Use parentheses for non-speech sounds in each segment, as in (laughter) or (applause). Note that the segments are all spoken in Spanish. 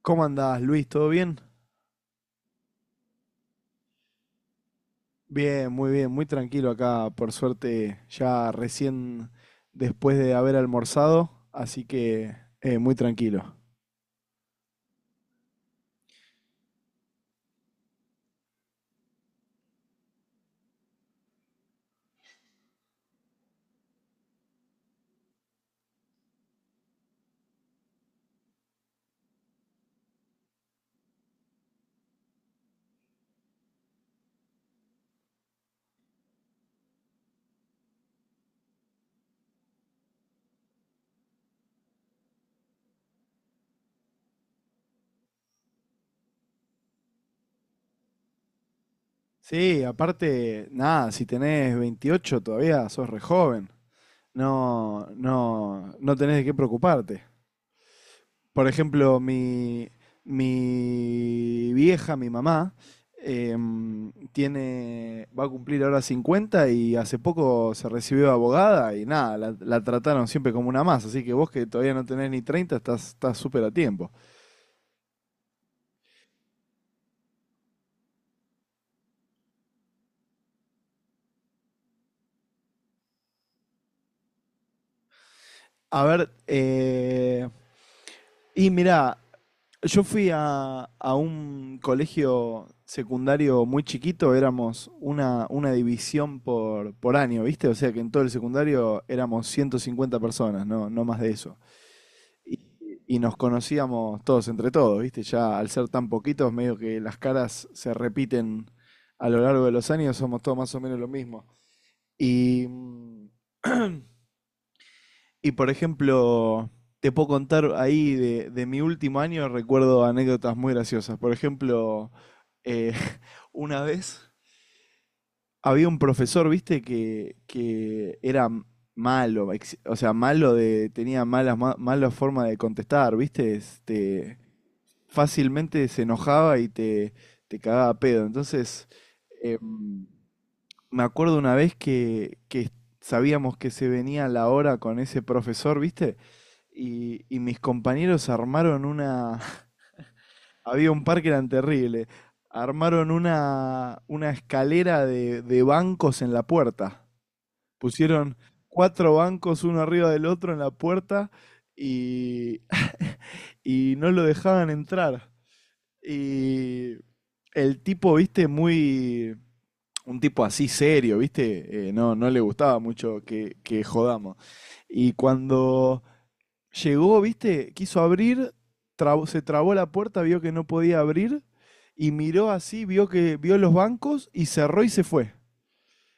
¿Cómo andás, Luis? ¿Todo bien? Bien, muy tranquilo acá, por suerte, ya recién después de haber almorzado, así que muy tranquilo. Sí, aparte, nada, si tenés 28 todavía sos re joven. No, no, no tenés de qué preocuparte. Por ejemplo, mi vieja, mi mamá, tiene, va a cumplir ahora 50, y hace poco se recibió de abogada y nada, la trataron siempre como una más. Así que vos que todavía no tenés ni 30 estás súper a tiempo. A ver, y mirá, yo fui a un colegio secundario muy chiquito, éramos una división por año, ¿viste? O sea que en todo el secundario éramos 150 personas, no, no más de eso. Y, y nos conocíamos todos entre todos, ¿viste? Ya al ser tan poquitos, medio que las caras se repiten a lo largo de los años, somos todos más o menos lo mismo. Y mm, y por ejemplo, te puedo contar ahí de mi último año, recuerdo anécdotas muy graciosas. Por ejemplo, eh, (laughs) una vez había un profesor, viste, que era malo, o sea, malo de, tenía malas, mala forma de contestar, viste, este, fácilmente se enojaba y te cagaba a pedo. Entonces, em, me acuerdo una vez que sabíamos que se venía la hora con ese profesor, viste, y mis compañeros armaron una, (laughs) había un parque, eran terrible, armaron una escalera de bancos en la puerta. Pusieron cuatro bancos uno arriba del otro en la puerta y, (laughs) y no lo dejaban entrar. Y el tipo, viste, muy. Un tipo así serio, viste, no le gustaba mucho que jodamos. Y cuando llegó, viste, quiso abrir, se trabó la puerta, vio que no podía abrir y miró así, vio que vio los bancos y cerró y se fue.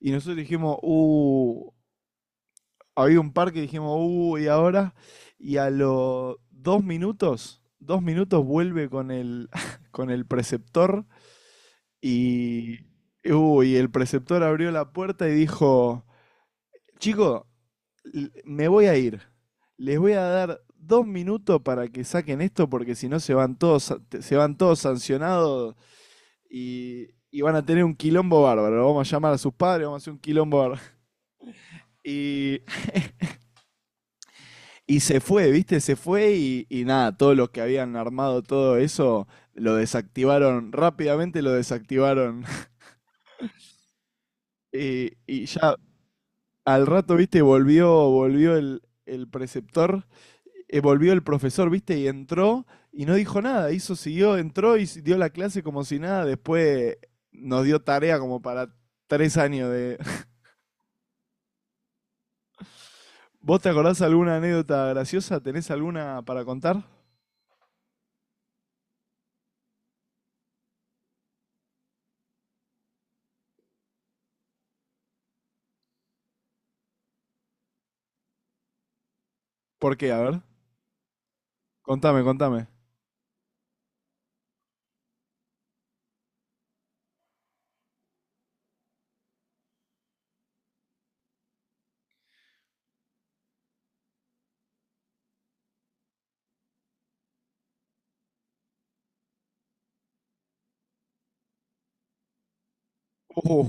Y nosotros dijimos, había un parque, dijimos, y ahora, y a los 2 minutos, 2 minutos vuelve con el, (laughs) con el preceptor y y el preceptor abrió la puerta y dijo, chico, me voy a ir. Les voy a dar 2 minutos para que saquen esto porque si no se van todos, se van todos sancionados y van a tener un quilombo bárbaro. Vamos a llamar a sus padres, vamos a hacer un quilombo bárbaro. Y, y se fue, ¿viste? Se fue y nada, todos los que habían armado todo eso lo desactivaron rápidamente, lo desactivaron. (laughs) Y ya al rato, viste, volvió el preceptor, volvió el profesor, viste, y entró y no dijo nada, siguió, entró y dio la clase como si nada, después nos dio tarea como para 3 años de. (laughs) ¿Vos te acordás alguna anécdota graciosa? ¿Tenés alguna para contar? ¿Por qué? A ver, contame, contame. Uh,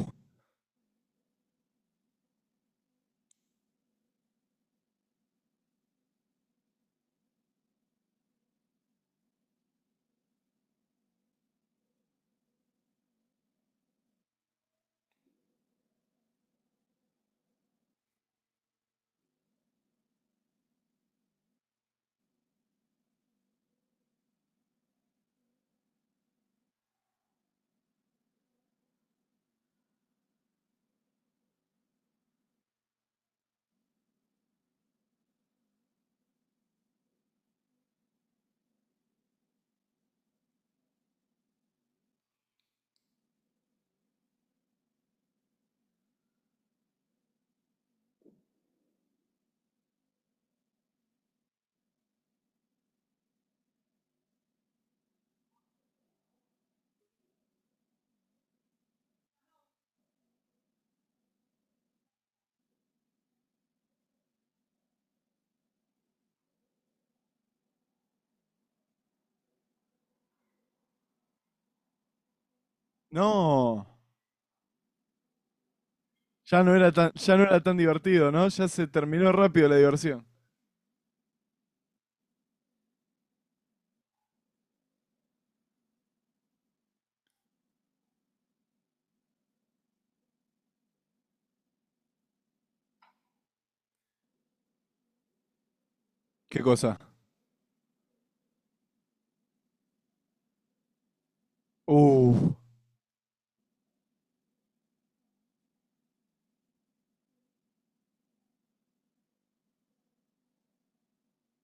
no, ya no era tan, ya no era tan divertido, ¿no? Ya se terminó rápido la diversión. ¿Qué cosa? Uh,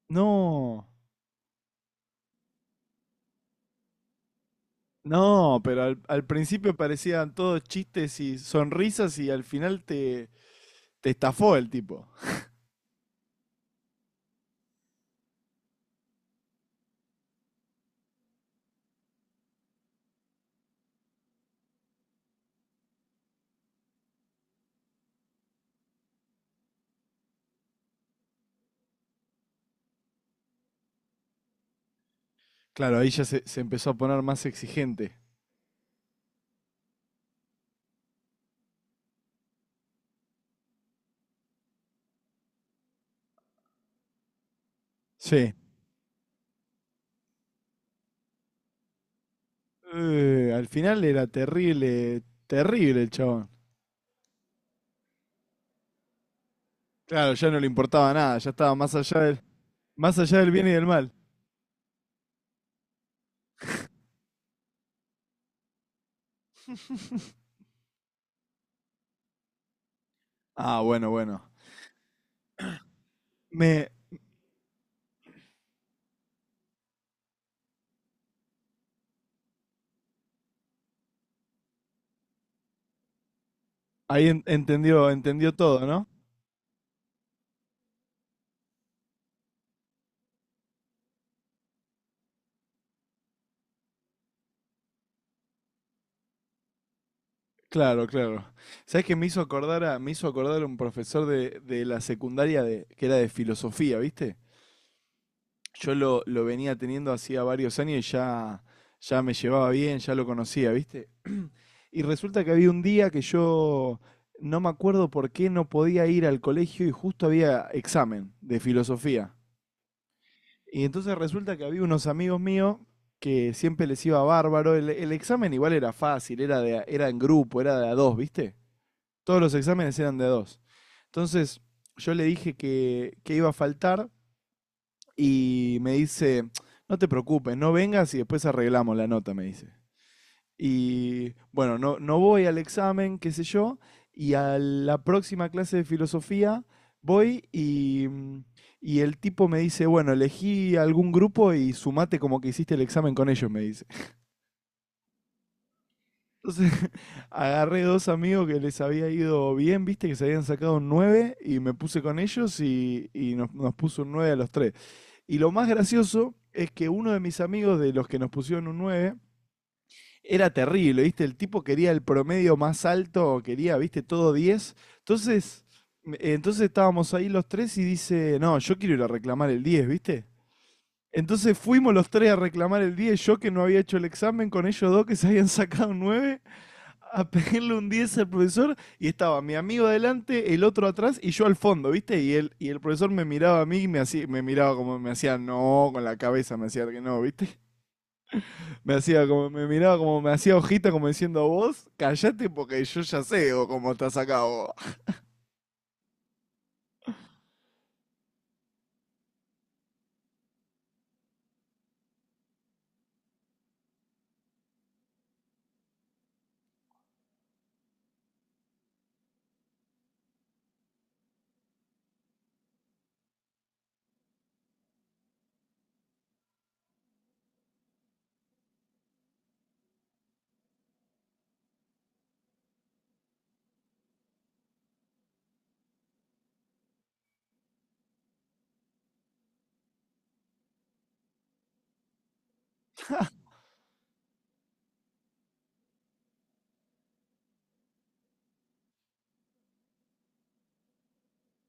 no. No, pero al principio parecían todos chistes y sonrisas y al final te estafó el tipo. Claro, ahí ya se empezó a poner más exigente. Sí. Al final era terrible, terrible el chabón. Claro, ya no le importaba nada, ya estaba más allá del bien y del mal. Ah, bueno, bueno. Me, ahí entendió todo, ¿no? Claro, claro. ¿Sabés qué me hizo acordar a, me hizo acordar a un profesor de la secundaria de, que era de filosofía, ¿viste? Yo lo venía teniendo hacía varios años y ya me llevaba bien, ya lo conocía, ¿viste? Y resulta que había un día que yo no me acuerdo por qué no podía ir al colegio y justo había examen de filosofía. Y entonces resulta que había unos amigos míos que siempre les iba bárbaro. El examen igual era fácil, era en grupo, era de a dos, ¿viste? Todos los exámenes eran de a dos. Entonces yo le dije que iba a faltar y me dice, no te preocupes, no vengas y después arreglamos la nota, me dice. Y bueno, no, no voy al examen, qué sé yo, y a la próxima clase de filosofía voy y el tipo me dice, bueno, elegí algún grupo y sumate como que hiciste el examen con ellos, me dice. Entonces (laughs) agarré dos amigos que les había ido bien, viste, que se habían sacado un 9 y me puse con ellos y nos puso un 9 a los tres. Y lo más gracioso es que uno de mis amigos de los que nos pusieron un 9 era terrible, viste, el tipo quería el promedio más alto, quería, viste, todo 10. Entonces estábamos ahí los tres y dice, no, yo quiero ir a reclamar el 10, viste. Entonces fuimos los tres a reclamar el 10, yo que no había hecho el examen, con ellos dos que se habían (laughs) sacado un 9, a pedirle un 10 al profesor, y estaba mi amigo adelante, el otro atrás y yo al fondo, ¿viste? Y el profesor me miraba a mí me miraba como me hacía no con la cabeza, me hacía que no, ¿viste? (laughs) Me hacía como, me miraba como me hacía hojita como diciendo vos, callate porque yo ya sé o cómo estás acá vos.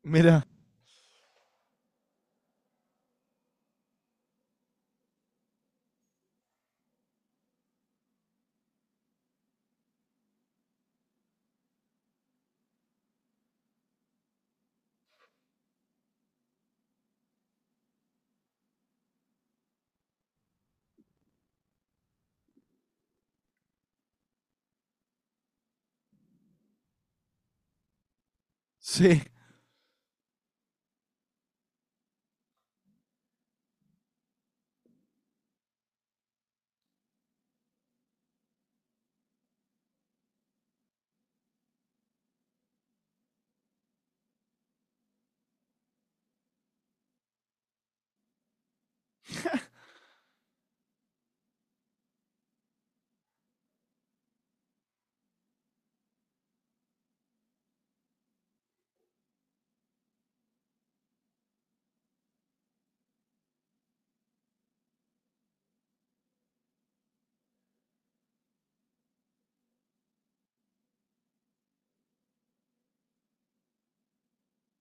Mirá, sí,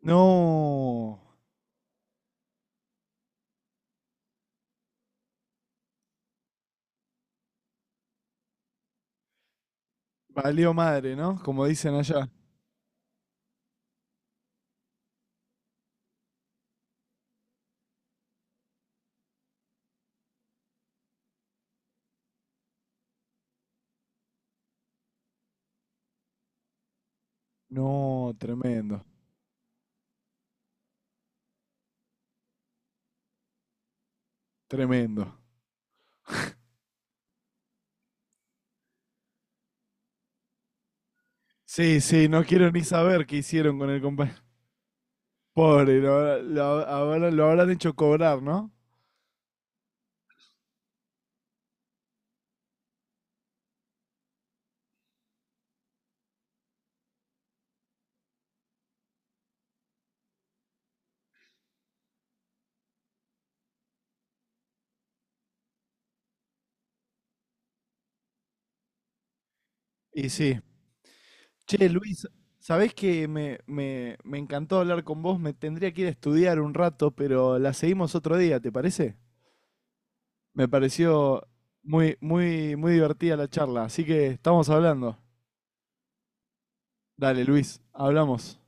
no, valió madre, ¿no? Como dicen allá. No, tremendo, tremendo. Sí, sí, no quiero ni saber qué hicieron con el compañero. Pobre, lo, lo habrán hecho cobrar, ¿no? Y sí, che, Luis, sabés que me encantó hablar con vos, me tendría que ir a estudiar un rato, pero la seguimos otro día, ¿te parece? Me pareció muy, muy, muy divertida la charla, así que estamos hablando. Dale, Luis, hablamos.